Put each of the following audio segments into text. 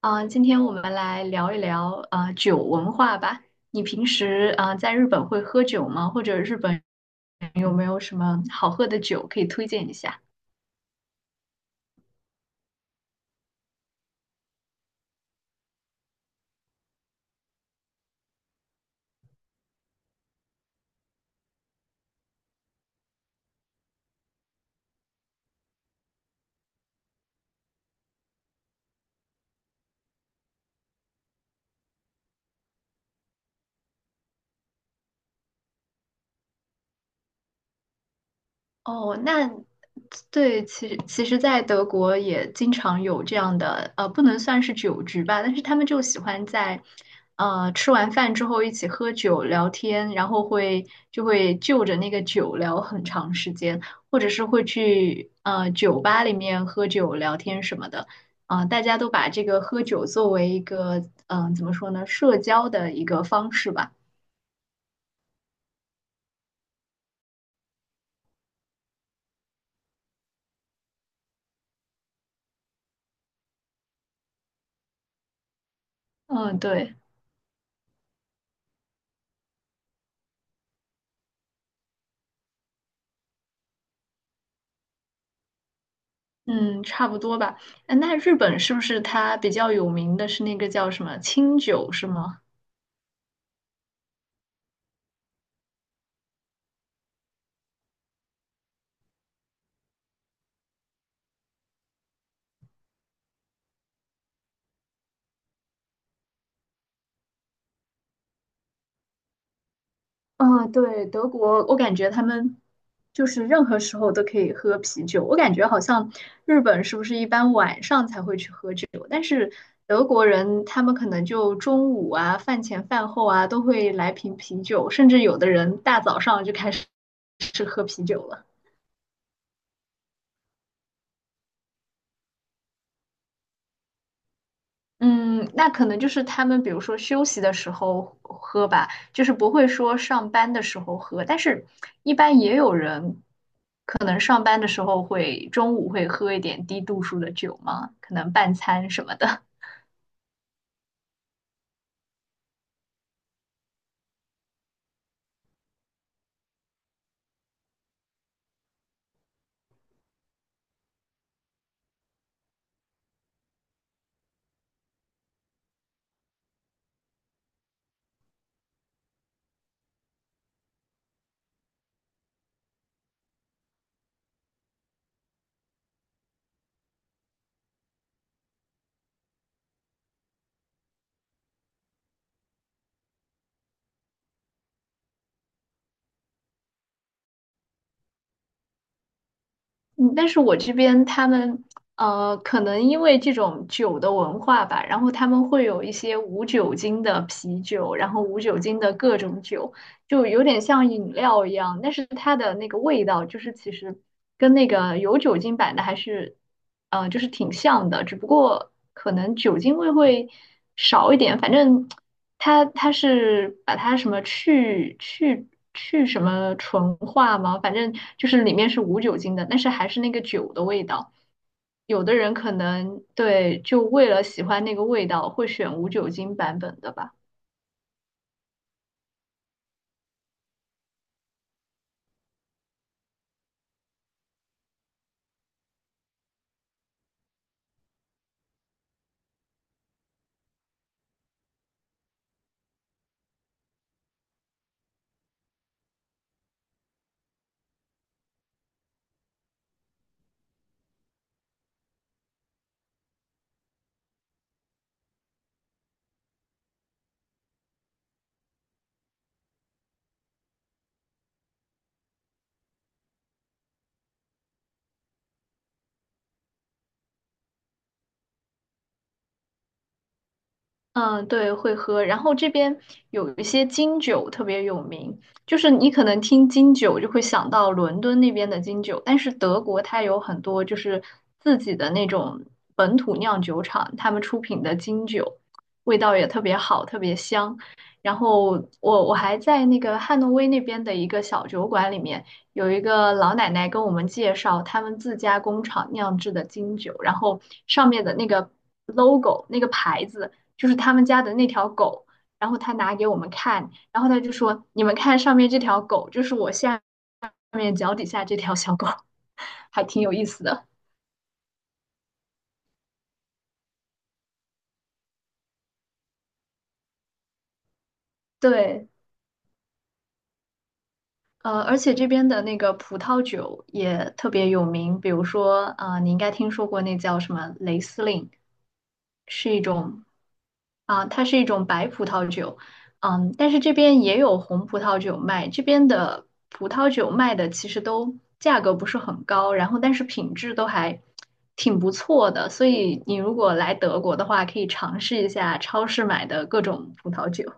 啊，今天我们来聊一聊啊酒文化吧。你平时啊在日本会喝酒吗？或者日本有没有什么好喝的酒可以推荐一下？哦，那对，其实，在德国也经常有这样的，不能算是酒局吧，但是他们就喜欢在，吃完饭之后一起喝酒聊天，然后就会就着那个酒聊很长时间，或者是会去酒吧里面喝酒聊天什么的，啊、大家都把这个喝酒作为一个，怎么说呢，社交的一个方式吧，嗯，对。嗯，差不多吧。哎，那日本是不是它比较有名的是那个叫什么清酒是吗？嗯，对，德国，我感觉他们就是任何时候都可以喝啤酒。我感觉好像日本是不是一般晚上才会去喝酒，但是德国人他们可能就中午啊、饭前饭后啊都会来瓶啤酒，甚至有的人大早上就开始是喝啤酒了。嗯，那可能就是他们，比如说休息的时候喝吧，就是不会说上班的时候喝。但是，一般也有人可能上班的时候会中午会喝一点低度数的酒嘛，可能半餐什么的。嗯，但是我这边他们可能因为这种酒的文化吧，然后他们会有一些无酒精的啤酒，然后无酒精的各种酒。就有点像饮料一样，但是它的那个味道就是其实跟那个有酒精版的还是，就是挺像的，只不过可能酒精味会少一点。反正它是把它什么去什么纯化嘛，反正就是里面是无酒精的，但是还是那个酒的味道。有的人可能对，就为了喜欢那个味道，会选无酒精版本的吧。嗯，对，会喝。然后这边有一些金酒特别有名，就是你可能听金酒就会想到伦敦那边的金酒，但是德国它有很多就是自己的那种本土酿酒厂，他们出品的金酒，味道也特别好，特别香。然后我还在那个汉诺威那边的一个小酒馆里面，有一个老奶奶跟我们介绍他们自家工厂酿制的金酒，然后上面的那个 logo 那个牌子。就是他们家的那条狗，然后他拿给我们看，然后他就说：“你们看上面这条狗，就是我下面脚底下这条小狗，还挺有意思的。”对，而且这边的那个葡萄酒也特别有名，比如说，啊，你应该听说过那叫什么雷司令，是一种，啊、它是一种白葡萄酒，嗯，但是这边也有红葡萄酒卖，这边的葡萄酒卖的其实都价格不是很高，然后但是品质都还挺不错的，所以你如果来德国的话，可以尝试一下超市买的各种葡萄酒。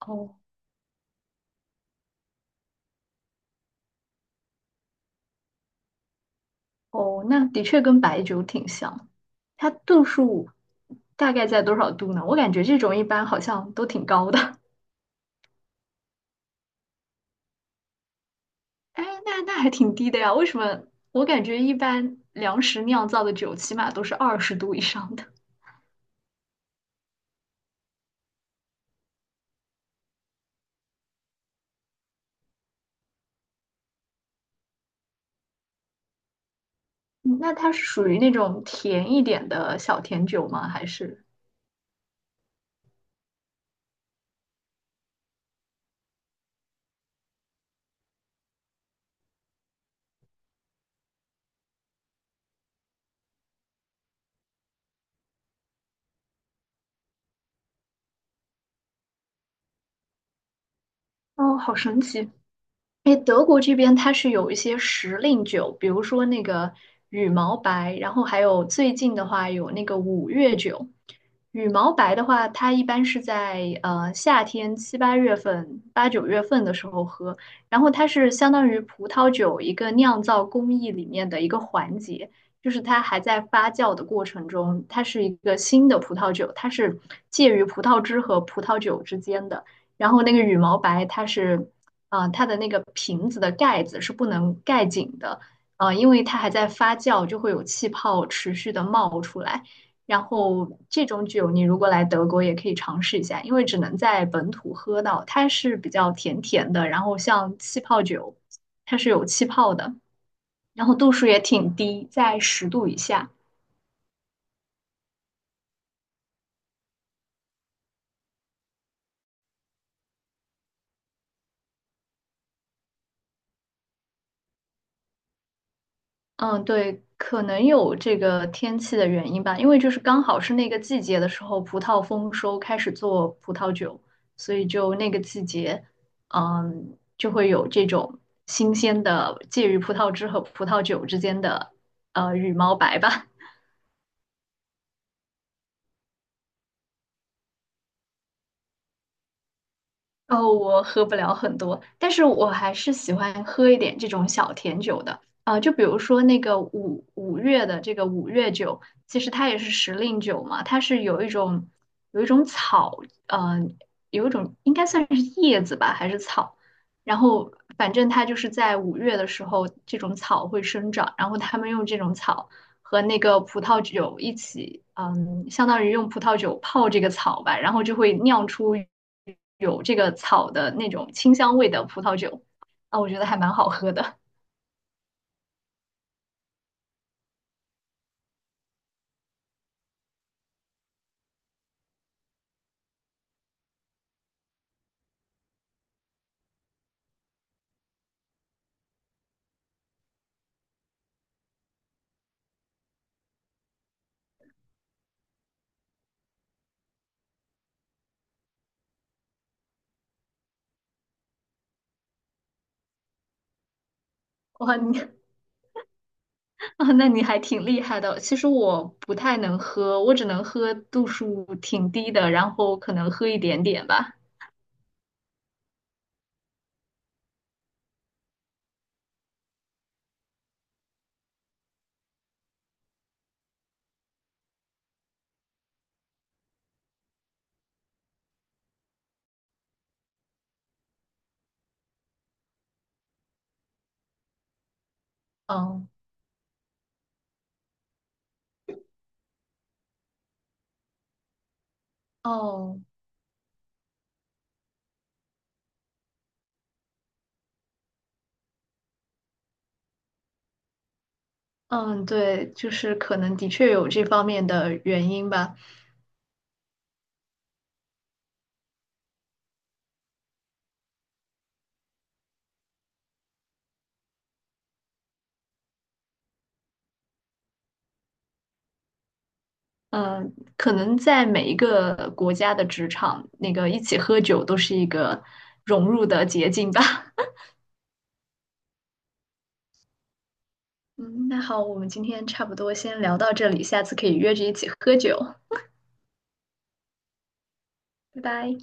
哦哦，那的确跟白酒挺像。它度数大概在多少度呢？我感觉这种一般好像都挺高的。哎，那还挺低的呀？为什么？我感觉一般粮食酿造的酒起码都是20度以上的。嗯那它是属于那种甜一点的小甜酒吗？还是？哦，好神奇。哎，德国这边它是有一些时令酒，比如说那个羽毛白，然后还有最近的话有那个五月酒。羽毛白的话，它一般是在夏天7、8月份、8、9月份的时候喝，然后它是相当于葡萄酒一个酿造工艺里面的一个环节，就是它还在发酵的过程中，它是一个新的葡萄酒，它是介于葡萄汁和葡萄酒之间的。然后那个羽毛白，它是啊、它的那个瓶子的盖子是不能盖紧的，啊、因为它还在发酵，就会有气泡持续的冒出来。然后这种酒你如果来德国也可以尝试一下，因为只能在本土喝到，它是比较甜甜的，然后像气泡酒，它是有气泡的，然后度数也挺低，在十度以下。嗯，对，可能有这个天气的原因吧，因为就是刚好是那个季节的时候，葡萄丰收，开始做葡萄酒，所以就那个季节，嗯，就会有这种新鲜的介于葡萄汁和葡萄酒之间的羽毛白吧。哦，我喝不了很多，但是我还是喜欢喝一点这种小甜酒的。啊、就比如说那个五月的这个五月酒，其实它也是时令酒嘛，它是有一种草，呃，有一种应该算是叶子吧，还是草。然后反正它就是在五月的时候，这种草会生长，然后他们用这种草。和那个葡萄酒一起，嗯，相当于用葡萄酒泡这个草吧，然后就会酿出有这个草的那种清香味的葡萄酒，啊，我觉得还蛮好喝的。哇，你 啊，那你还挺厉害的。其实我不太能喝，我只能喝度数挺低的，然后可能喝一点点吧。嗯，哦，嗯，对，就是可能的确有这方面的原因吧。嗯，可能在每一个国家的职场，那个一起喝酒都是一个融入的捷径吧。嗯，那好，我们今天差不多先聊到这里，下次可以约着一起喝酒，拜拜。